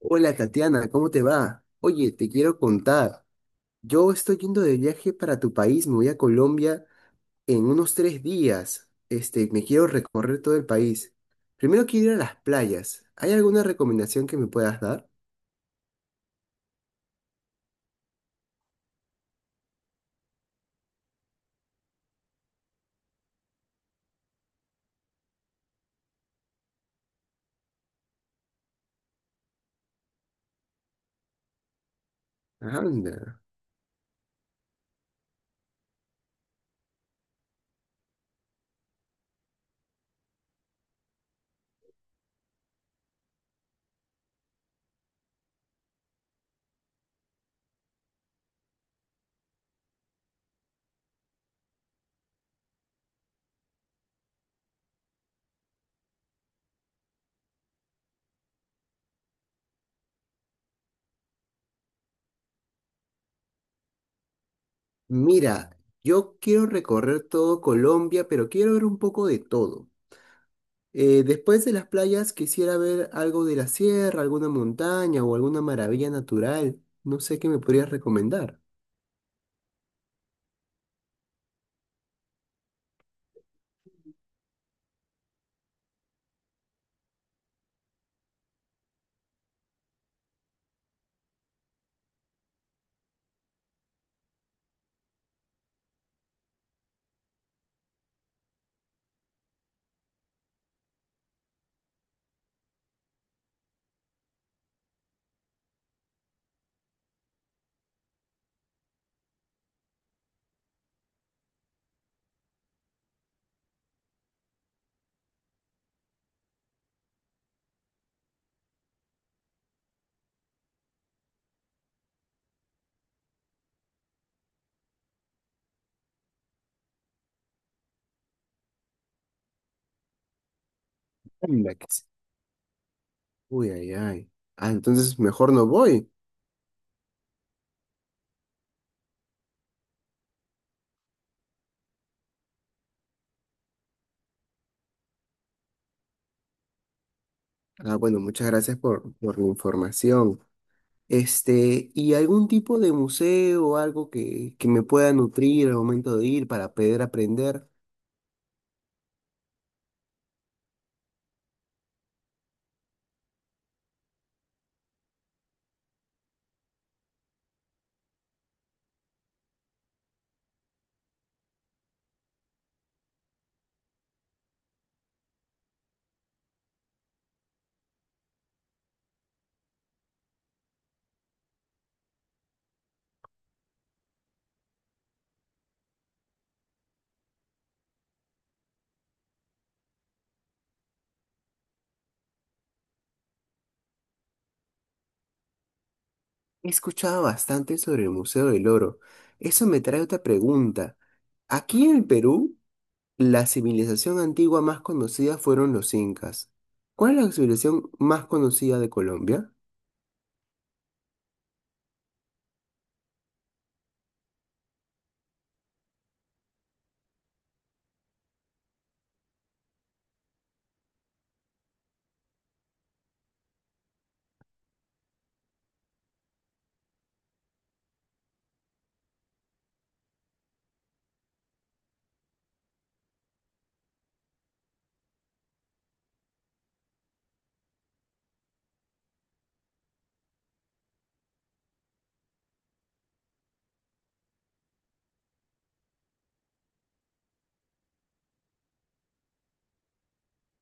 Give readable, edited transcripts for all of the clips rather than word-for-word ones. Hola Tatiana, ¿cómo te va? Oye, te quiero contar. Yo estoy yendo de viaje para tu país, me voy a Colombia en unos 3 días. Me quiero recorrer todo el país. Primero quiero ir a las playas. ¿Hay alguna recomendación que me puedas dar? Anda. Mira, yo quiero recorrer todo Colombia, pero quiero ver un poco de todo. Después de las playas quisiera ver algo de la sierra, alguna montaña o alguna maravilla natural. No sé qué me podrías recomendar. Anda, que uy, ay, ay. Ah, entonces mejor no voy. Ah, bueno, muchas gracias por la información. ¿Y algún tipo de museo o algo que me pueda nutrir al momento de ir para poder aprender? He escuchado bastante sobre el Museo del Oro. Eso me trae otra pregunta. Aquí en el Perú, la civilización antigua más conocida fueron los incas. ¿Cuál es la civilización más conocida de Colombia?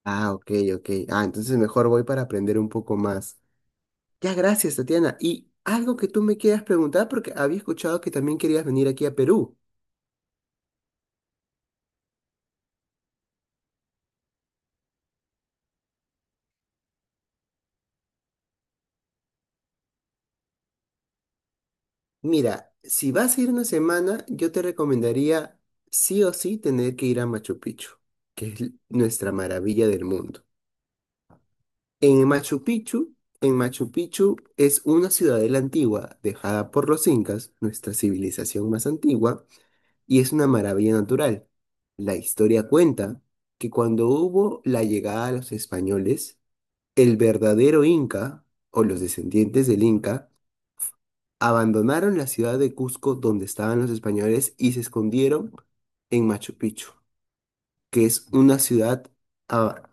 Ah, ok, ok. Ah, entonces mejor voy para aprender un poco más. Ya, gracias, Tatiana. Y algo que tú me quieras preguntar, porque había escuchado que también querías venir aquí a Perú. Mira, si vas a ir una semana, yo te recomendaría sí o sí tener que ir a Machu Picchu, nuestra maravilla del mundo. En Machu Picchu, en Machu Picchu es una ciudadela antigua dejada por los incas, nuestra civilización más antigua, y es una maravilla natural. La historia cuenta que cuando hubo la llegada de los españoles, el verdadero Inca, o los descendientes del Inca, abandonaron la ciudad de Cusco donde estaban los españoles y se escondieron en Machu Picchu, que es una ciudad a-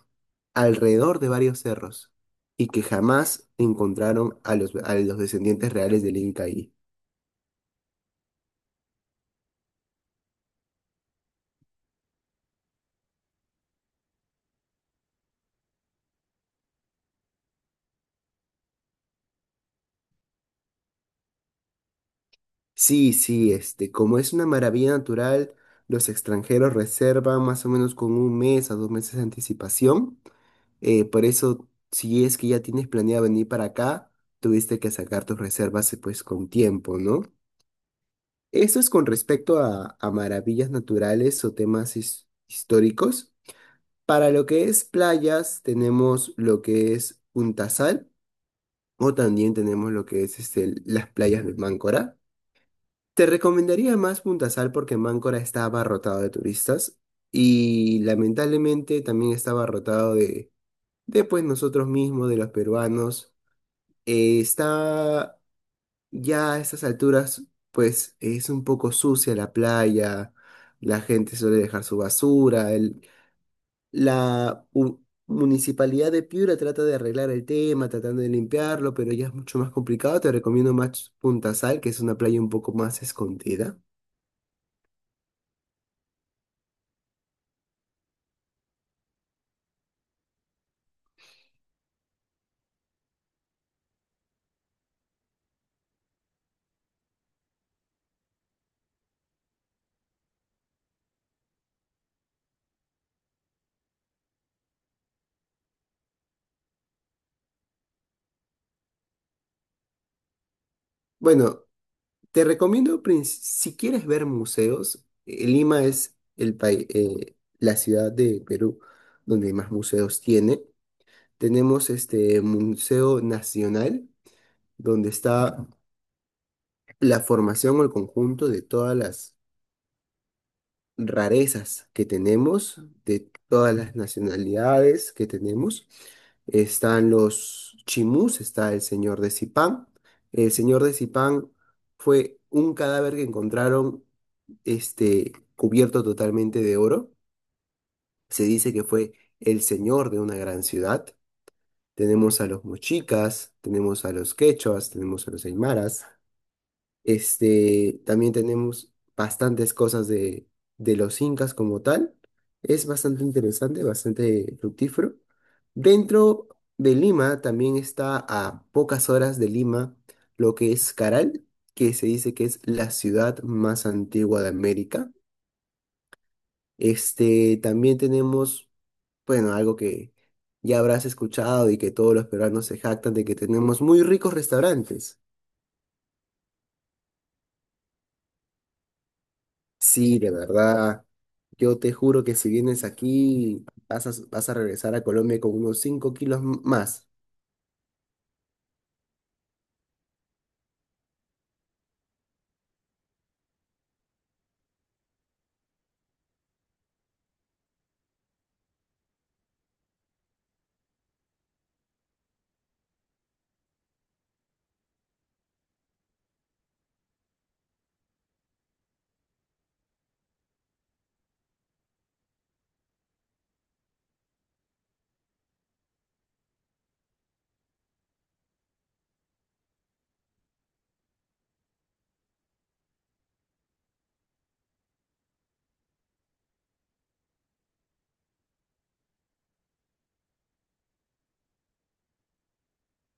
alrededor de varios cerros y que jamás encontraron a los descendientes reales del Inca ahí. Sí, sí, como es una maravilla natural, los extranjeros reservan más o menos con un mes a 2 meses de anticipación. Por eso, si es que ya tienes planeado venir para acá, tuviste que sacar tus reservas pues con tiempo, ¿no? Eso es con respecto a maravillas naturales o temas históricos. Para lo que es playas, tenemos lo que es Puntasal o también tenemos lo que es las playas de Máncora. Te recomendaría más Puntasal porque Máncora está abarrotado de turistas y lamentablemente también está abarrotado de pues nosotros mismos, de los peruanos. Está ya a estas alturas, pues es un poco sucia la playa, la gente suele dejar su basura, la municipalidad de Piura trata de arreglar el tema, tratando de limpiarlo, pero ya es mucho más complicado. Te recomiendo más Punta Sal, que es una playa un poco más escondida. Bueno, te recomiendo, si quieres ver museos, Lima es el país, la ciudad de Perú donde más museos tiene. Tenemos Museo Nacional, donde está la formación o el conjunto de todas las rarezas que tenemos, de todas las nacionalidades que tenemos. Están los chimús, está el señor de Zipán. El señor de Zipán fue un cadáver que encontraron cubierto totalmente de oro. Se dice que fue el señor de una gran ciudad. Tenemos a los mochicas, tenemos a los quechuas, tenemos a los aymaras. También tenemos bastantes cosas de los incas como tal. Es bastante interesante, bastante fructífero. Dentro de Lima también está a pocas horas de Lima lo que es Caral, que se dice que es la ciudad más antigua de América. También tenemos bueno, algo que ya habrás escuchado y que todos los peruanos se jactan de que tenemos muy ricos restaurantes. Sí, de verdad. Yo te juro que si vienes aquí, vas a regresar a Colombia con unos 5 kilos más.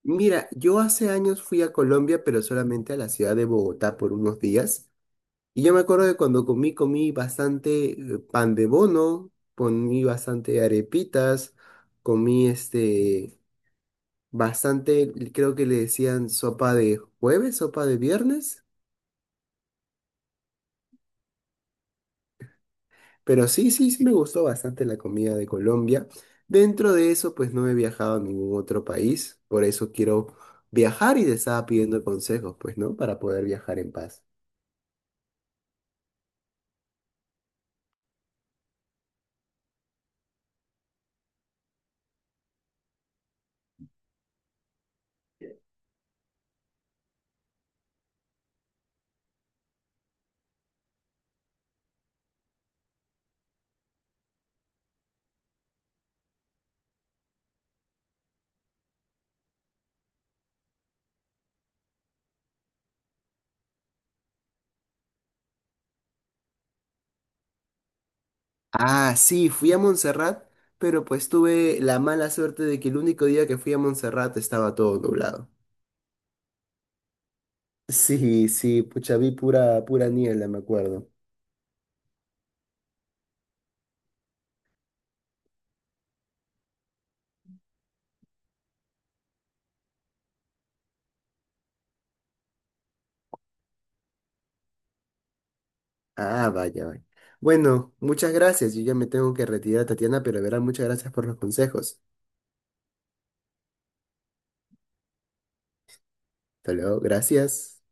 Mira, yo hace años fui a Colombia, pero solamente a la ciudad de Bogotá por unos días. Y yo me acuerdo de cuando comí bastante pan de bono, comí bastante arepitas, comí bastante, creo que le decían sopa de jueves, sopa de viernes, pero sí, sí me gustó bastante la comida de Colombia. Dentro de eso, pues no he viajado a ningún otro país, por eso quiero viajar y te estaba pidiendo consejos, pues, ¿no? Para poder viajar en paz. Ah, sí, fui a Montserrat, pero pues tuve la mala suerte de que el único día que fui a Montserrat estaba todo nublado. Sí, sí, pucha, vi pura niebla, me acuerdo. Ah, vaya, vaya. Bueno, muchas gracias. Yo ya me tengo que retirar, Tatiana, pero de verdad, muchas gracias por los consejos. Hasta luego, gracias.